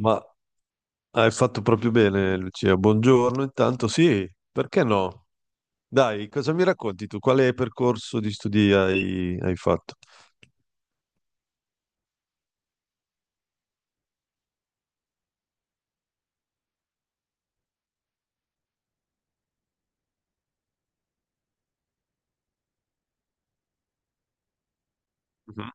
Ma hai fatto proprio bene, Lucia. Buongiorno, intanto sì, perché no? Dai, cosa mi racconti tu? Quale percorso di studi hai fatto? Mhm.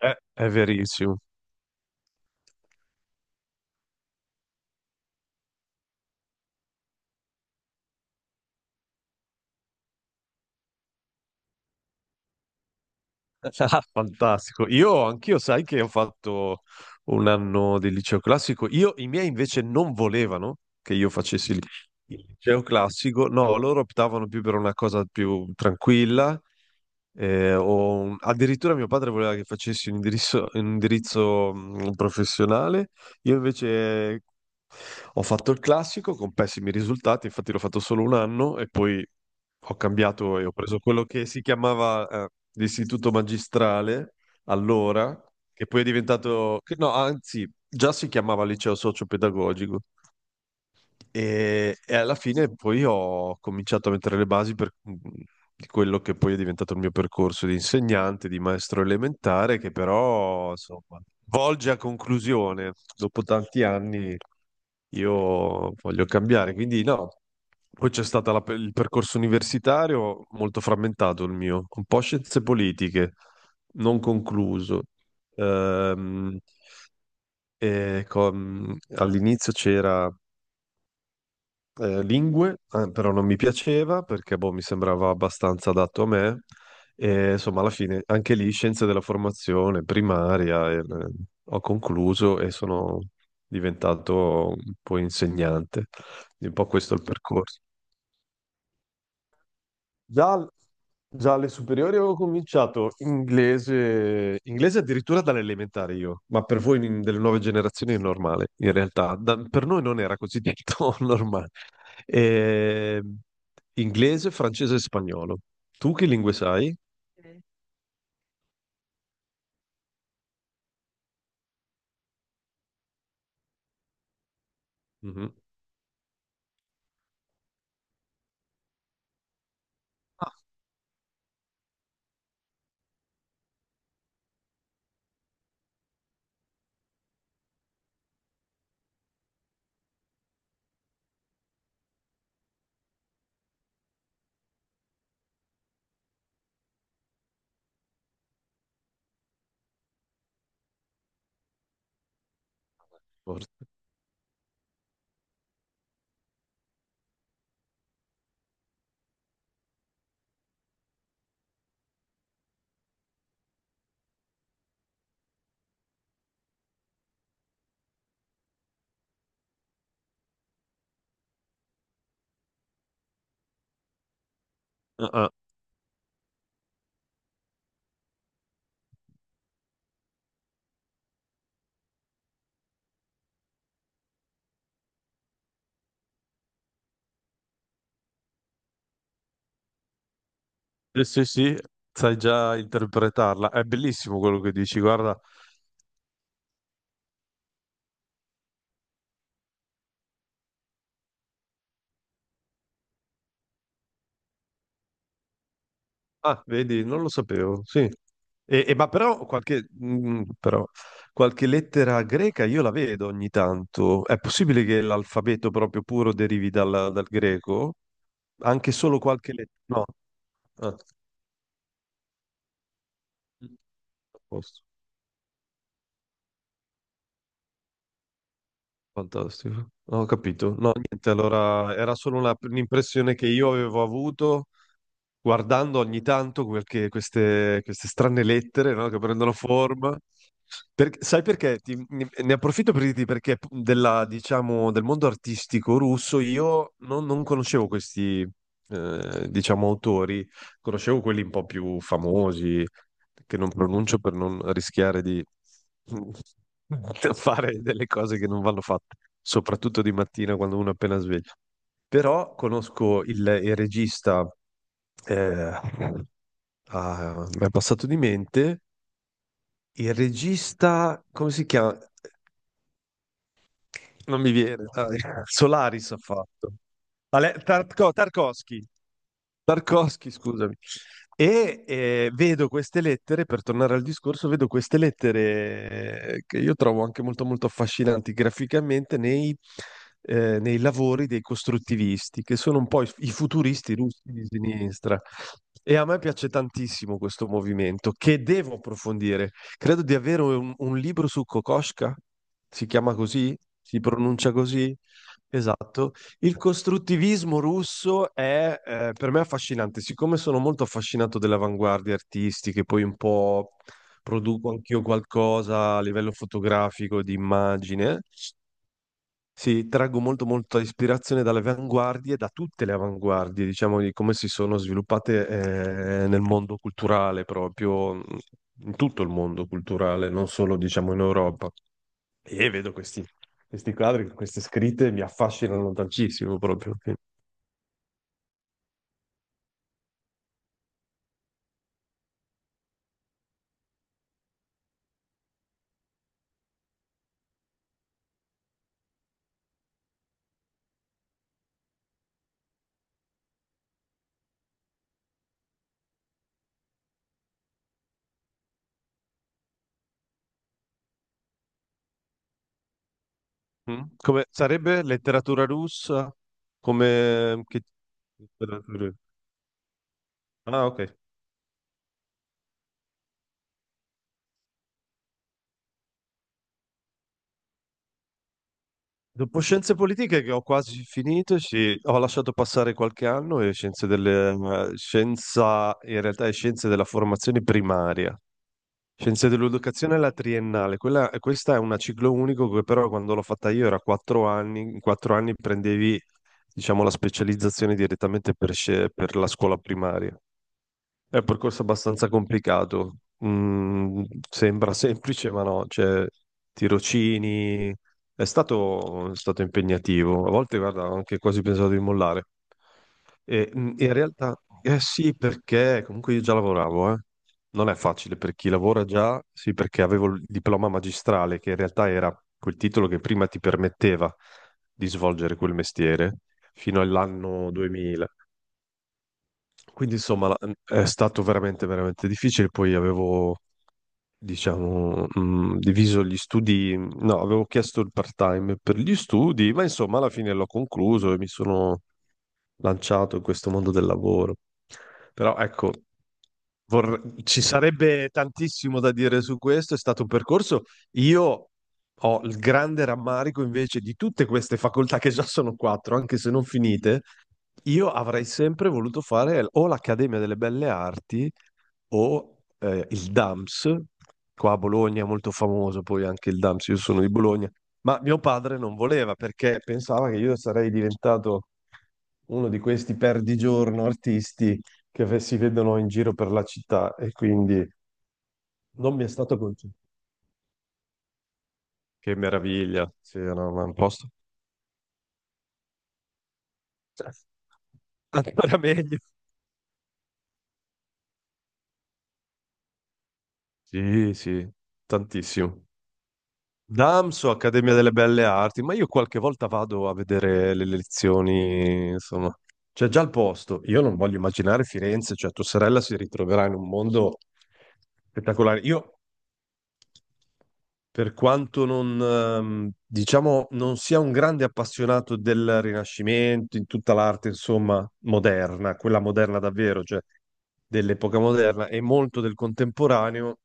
È verissimo. Ah, fantastico. Io anch'io, sai che ho fatto un anno di liceo classico. Io, i miei invece non volevano che io facessi il liceo classico. No, loro optavano più per una cosa più tranquilla. Addirittura mio padre voleva che facessi un indirizzo, professionale. Io invece ho fatto il classico con pessimi risultati, infatti l'ho fatto solo un anno e poi ho cambiato e ho preso quello che si chiamava l'istituto magistrale allora, che poi è diventato, che no, anzi, già si chiamava liceo socio-pedagogico e alla fine poi ho cominciato a mettere le basi di quello che poi è diventato il mio percorso di insegnante, di maestro elementare, che però, insomma, volge a conclusione. Dopo tanti anni io voglio cambiare, quindi no. Poi c'è stato il percorso universitario molto frammentato il mio, un po' scienze politiche, non concluso. Ehm, All'inizio c'era lingue, però non mi piaceva perché boh, mi sembrava abbastanza adatto a me. E insomma, alla fine anche lì scienze della formazione primaria e, ho concluso e sono diventato un po' insegnante. Un po' questo è il percorso. Già, già alle superiori avevo cominciato inglese, inglese addirittura dall'elementare io, ma per voi delle nuove generazioni è normale, in realtà. Per noi non era così detto normale. Eh, Inglese, francese e spagnolo. Tu che lingue sai? Mhm. Ah, forse. Ah, ah. Sì, sì, sai già interpretarla. È bellissimo quello che dici, guarda. Ah, vedi, non lo sapevo, sì. E ma però qualche, però qualche lettera greca io la vedo ogni tanto. È possibile che l'alfabeto proprio puro derivi dal, dal greco? Anche solo qualche lettera? No. Ah, a posto. Fantastico. Ho capito. No, niente, allora era solo un'impressione che io avevo avuto guardando ogni tanto queste strane lettere, no, che prendono forma. Sai perché? Ne approfitto per dirti perché della, diciamo, del mondo artistico russo io non conoscevo questi, diciamo, autori, conoscevo quelli un po' più famosi, che non pronuncio per non rischiare di fare delle cose che non vanno fatte, soprattutto di mattina quando uno è appena sveglio. Però conosco il regista eh, ah, mi è passato di mente il regista, come si chiama? Non mi viene, dai. Solaris ha fatto. Ale- Tarko- Tarkovsky, Tarkovsky, scusami. E vedo queste lettere, per tornare al discorso, vedo queste lettere che io trovo anche molto molto affascinanti graficamente nei, nei lavori dei costruttivisti, che sono un po' i futuristi russi di sinistra. E a me piace tantissimo questo movimento, che devo approfondire. Credo di avere un libro su Kokoschka, si chiama così? Si pronuncia così? Esatto, il costruttivismo russo è per me affascinante, siccome sono molto affascinato delle avanguardie artistiche, poi un po' produco anch'io qualcosa a livello fotografico, di immagine, sì, traggo molto molta ispirazione dalle avanguardie, da tutte le avanguardie, diciamo, di come si sono sviluppate nel mondo culturale proprio, in tutto il mondo culturale, non solo diciamo in Europa. E vedo questi, questi quadri, queste scritte mi affascinano tantissimo proprio. Sì. Mm? Come sarebbe letteratura russa? Come che letteratura. Ah, ok. Dopo scienze politiche che ho quasi finito, sì, ho lasciato passare qualche anno e in realtà è scienze della formazione primaria, scienze dell'educazione alla triennale. Questa è una ciclo unico che però quando l'ho fatta io era 4 anni, in 4 anni prendevi, diciamo, la specializzazione direttamente per per la scuola primaria. È un percorso abbastanza complicato. Mm, Sembra semplice, ma no, cioè, tirocini. È stato impegnativo. A volte, guarda, ho anche quasi pensato di mollare. E, in realtà, eh sì, perché comunque io già lavoravo, eh. Non è facile per chi lavora già, sì, perché avevo il diploma magistrale, che in realtà era quel titolo che prima ti permetteva di svolgere quel mestiere fino all'anno 2000. Quindi insomma è stato veramente veramente difficile, poi avevo diciamo diviso gli studi, no, avevo chiesto il part-time per gli studi, ma insomma alla fine l'ho concluso e mi sono lanciato in questo mondo del lavoro. Però ecco, ci sarebbe tantissimo da dire su questo, è stato un percorso. Io ho il grande rammarico invece di tutte queste facoltà che già sono quattro, anche se non finite io avrei sempre voluto fare o l'Accademia delle Belle Arti o il DAMS, qua a Bologna è molto famoso poi anche il DAMS, io sono di Bologna, ma mio padre non voleva perché pensava che io sarei diventato uno di questi perdigiorno artisti che si vedono in giro per la città e quindi non mi è stato concesso. Che meraviglia, sì, no, ma è un posto. Cioè, ancora meglio. Sì, sì, tantissimo. Damso, Accademia delle Belle Arti, ma io qualche volta vado a vedere le lezioni, insomma, c'è già il posto. Io non voglio immaginare Firenze, cioè tua sorella si ritroverà in un mondo spettacolare. Io, per quanto non, diciamo, non sia un grande appassionato del Rinascimento, in tutta l'arte, insomma, moderna, quella moderna davvero, cioè dell'epoca moderna e molto del contemporaneo,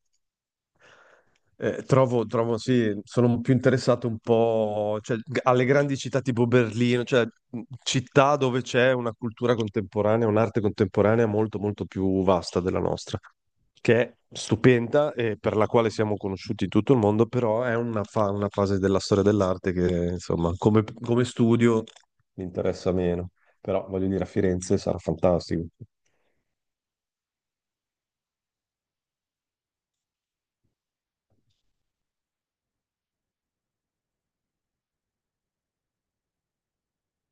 trovo, sì, sono più interessato un po', cioè, alle grandi città tipo Berlino, cioè città dove c'è una cultura contemporanea, un'arte contemporanea molto, molto più vasta della nostra, che è stupenda e per la quale siamo conosciuti in tutto il mondo, però è una, una fase della storia dell'arte che, insomma, come, come studio mi interessa meno. Però, voglio dire, a Firenze sarà fantastico.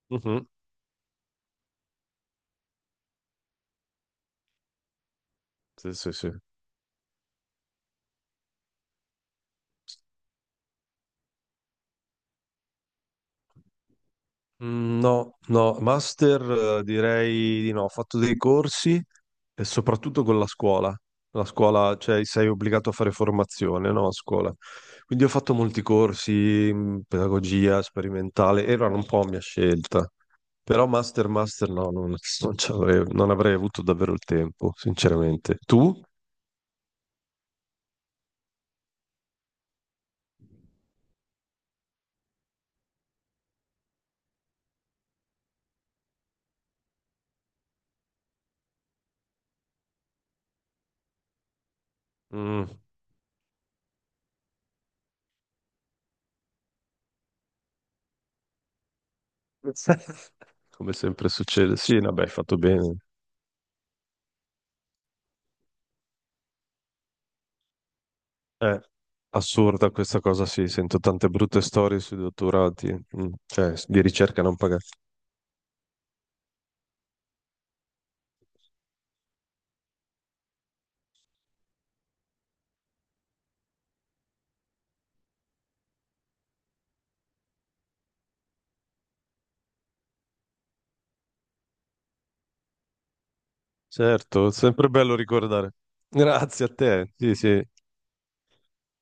Mhm. Sì, sì, sì. No, no, master direi di no, ho fatto dei corsi e soprattutto con la scuola. La scuola, cioè sei obbligato a fare formazione, no, a scuola. Quindi ho fatto molti corsi, pedagogia sperimentale, erano un po' a mia scelta. Però master, master no, non, non, ci avrei, non avrei avuto davvero il tempo, sinceramente. Tu? Mm, Come sempre succede. Sì, vabbè, hai fatto bene. È assurda questa cosa, sì, sento tante brutte storie sui dottorati, cioè di ricerca non pagata. Certo, è sempre bello ricordare. Grazie a te, sì, sì.